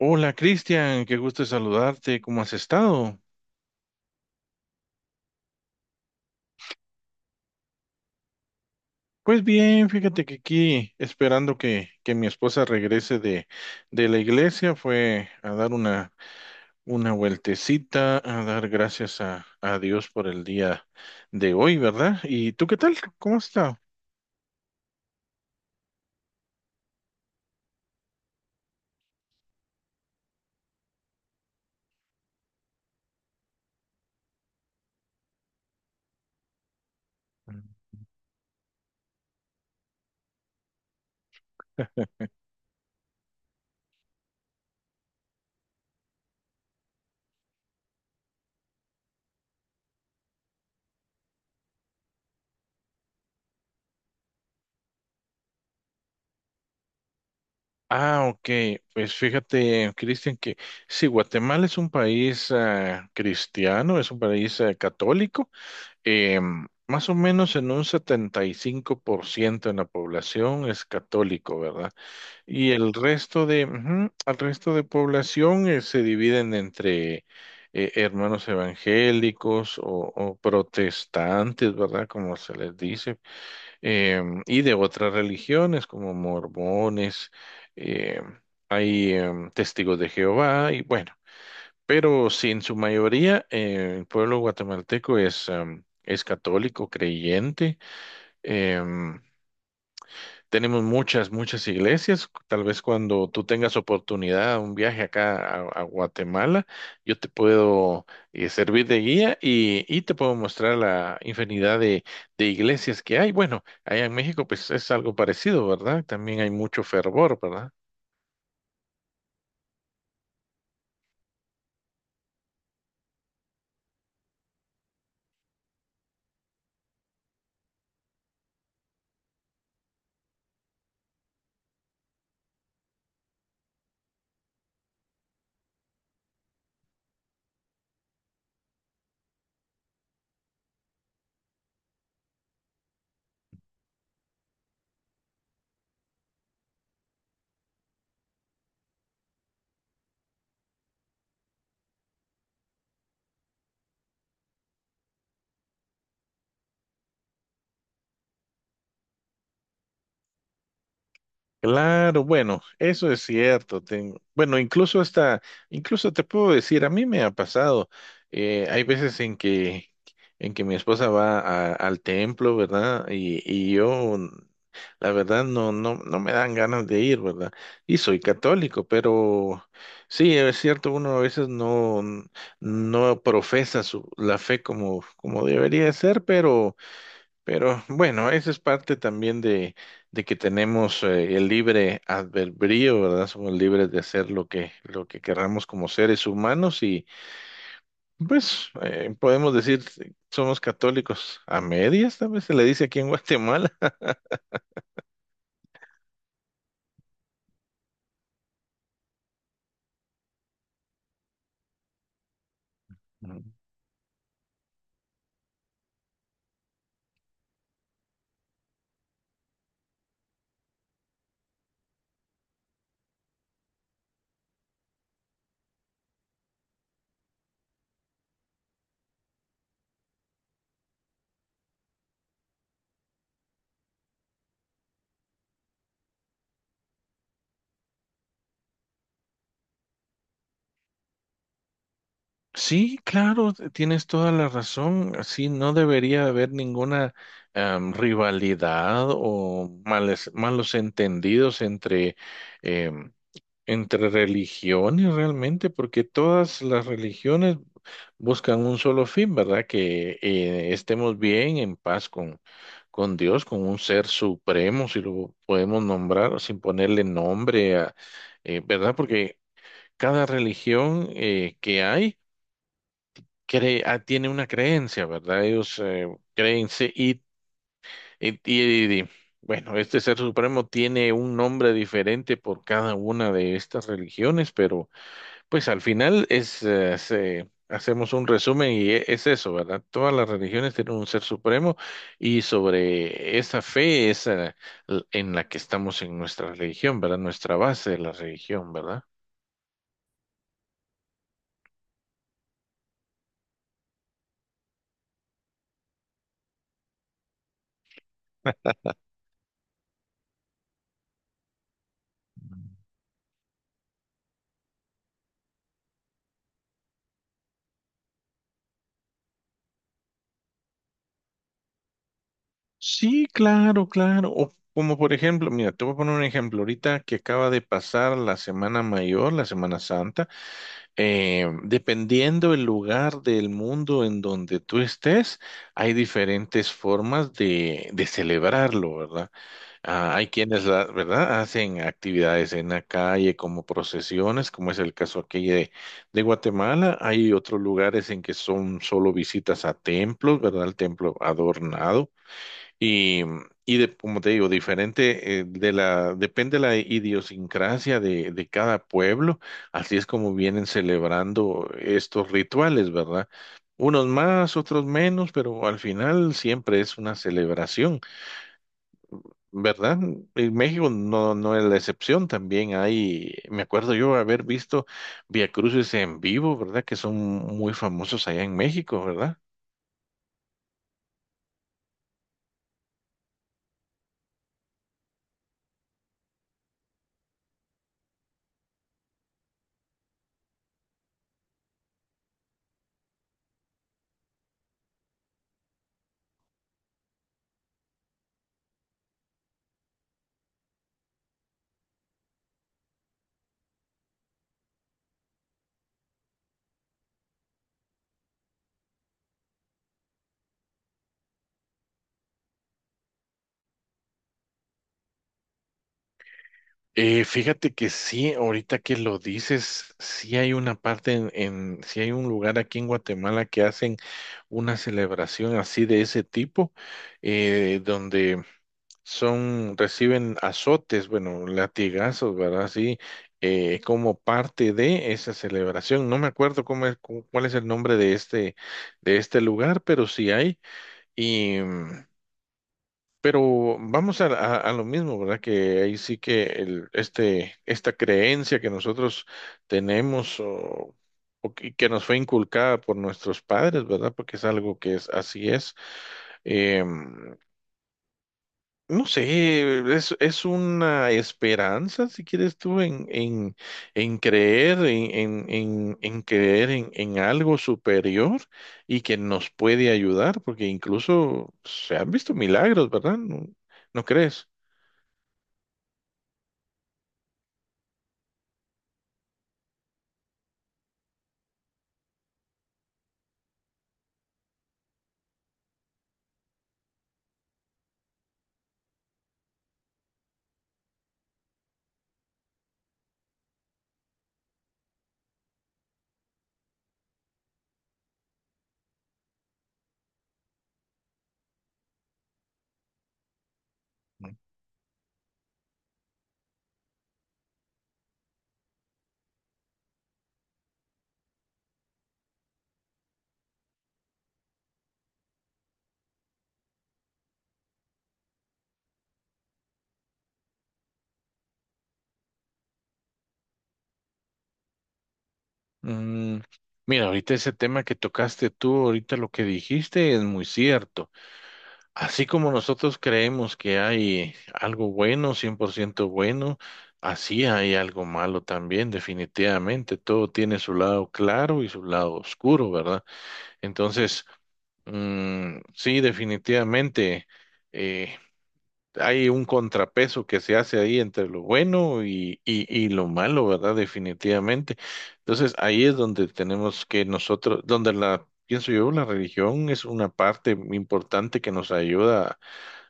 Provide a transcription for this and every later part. Hola Cristian, qué gusto saludarte, ¿cómo has estado? Pues bien, fíjate que aquí esperando que mi esposa regrese de la iglesia, fue a dar una vueltecita, a dar gracias a Dios por el día de hoy, ¿verdad? ¿Y tú qué tal? ¿Cómo has estado? Ah, ok. Pues fíjate, Cristian, que sí, Guatemala es un país cristiano, es un país católico, eh, más o menos en un 75% en la población es católico, ¿verdad? Y el resto de, ujú, al resto de población se dividen entre hermanos evangélicos o protestantes, ¿verdad? Como se les dice, y de otras religiones como mormones, em, hay testigos de Jehová y bueno. Pero sí, en su mayoría, el pueblo guatemalteco es, es católico, creyente. em, Tenemos muchas, muchas iglesias. Tal vez cuando tú tengas oportunidad, un viaje acá a Guatemala, yo te puedo servir de guía y te puedo mostrar la infinidad de iglesias que hay. Bueno, allá en México, pues es algo parecido, ¿verdad? También hay mucho fervor, ¿verdad? Claro, bueno, eso es cierto. Bueno, incluso hasta, incluso te puedo decir, a mí me ha pasado. Hay veces en en que mi esposa al templo, ¿verdad? Y yo, la verdad, no me dan ganas de ir, ¿verdad? Y soy católico, pero sí, es cierto, uno a veces no, no profesa su, la fe como, como debería de ser, pero bueno, eso es parte también de que tenemos el libre albedrío, ¿verdad? Somos libres de hacer lo que querramos como seres humanos y pues podemos decir somos católicos a medias, tal vez se le dice aquí en Guatemala. Mm. Sí, claro, tienes toda la razón. Sí, no debería haber ninguna rivalidad o malos entendidos entre entre religiones realmente, porque todas las religiones buscan un solo fin, ¿verdad? Que estemos bien, en paz con Dios, con un ser supremo, si lo podemos nombrar, sin ponerle nombre a, ¿verdad? Porque cada religión que hay cree, tiene una creencia, ¿verdad? Ellos creen sí, y, y, y- y- bueno, este ser supremo tiene un nombre diferente por cada una de estas religiones, pero pues al final es, hacemos un resumen y es eso, ¿verdad? Todas las religiones tienen un ser supremo y sobre esa fe es en la que estamos en nuestra religión, ¿verdad? Nuestra base de la religión, ¿verdad? Sí, claro, claro. O como por ejemplo, mira, te voy a poner un ejemplo ahorita que acaba de pasar la Semana Mayor, la Semana Santa, dependiendo el lugar del mundo en donde tú estés, hay diferentes formas de celebrarlo, ¿verdad? Ah, hay quienes, la, ¿verdad? Hacen actividades en la calle como procesiones, como es el caso aquí de Guatemala. Hay otros lugares en que son solo visitas a templos, ¿verdad? El templo adornado. Y, y de, como te digo, diferente, de la, depende de la idiosincrasia de cada pueblo. Así es como vienen celebrando estos rituales, ¿verdad? Unos más, otros menos, pero al final siempre es una celebración. ¿Verdad? En México no, no es la excepción, también hay, me acuerdo yo haber visto cruces en vivo, ¿verdad? Que son muy famosos allá en México, ¿verdad? Fíjate que sí, ahorita que lo dices, sí hay una parte en, sí hay un lugar aquí en Guatemala que hacen una celebración así de ese tipo, donde son, reciben azotes, bueno, latigazos, ¿verdad? Sí, como parte de esa celebración. No me acuerdo cómo es, cuál es el nombre de este lugar, pero sí hay. Y, mm, pero vamos a, a lo mismo, ¿verdad? Que ahí sí que el, este, esta creencia que nosotros tenemos o que nos fue inculcada por nuestros padres, ¿verdad? Porque es algo que es, así es. Em, no sé, es una esperanza, si quieres tú, en creer, en creer en algo superior y que nos puede ayudar, porque incluso se han visto milagros, ¿verdad? ¿No, no crees? Mm, mira, ahorita ese tema que tocaste tú, ahorita lo que dijiste es muy cierto. Así como nosotros creemos que hay algo bueno, 100% bueno, así hay algo malo también, definitivamente. Todo tiene su lado claro y su lado oscuro, ¿verdad? Entonces, mm, sí, definitivamente eh, hay un contrapeso que se hace ahí entre lo bueno y lo malo, ¿verdad? Definitivamente. Entonces, ahí es donde tenemos que nosotros, donde la... Pienso yo, la religión es una parte importante que nos ayuda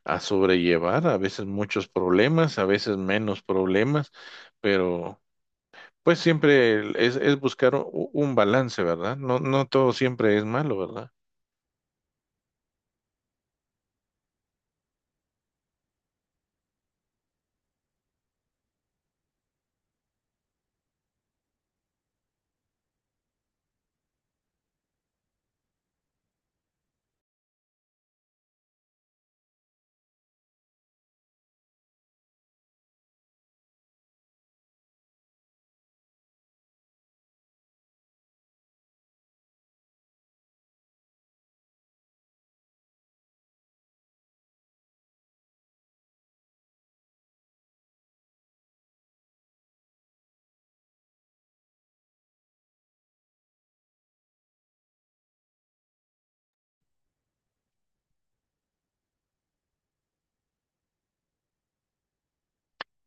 a sobrellevar, a veces muchos problemas, a veces menos problemas, pero pues siempre es buscar un balance, ¿verdad? No, no todo siempre es malo, ¿verdad?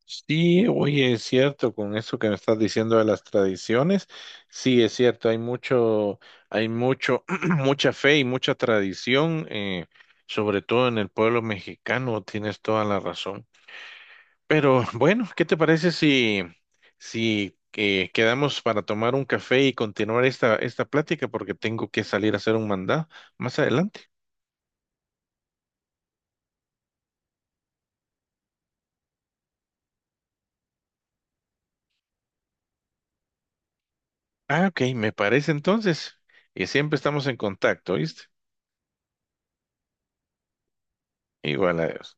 Sí, oye, es cierto, con eso que me estás diciendo de las tradiciones, sí, es cierto, hay mucho, mucha fe y mucha tradición, sobre todo en el pueblo mexicano, tienes toda la razón. Pero bueno, ¿qué te parece si, si quedamos para tomar un café y continuar esta, esta plática? Porque tengo que salir a hacer un mandado más adelante. Ah, ok, me parece entonces. Y siempre estamos en contacto, ¿viste? Igual, adiós.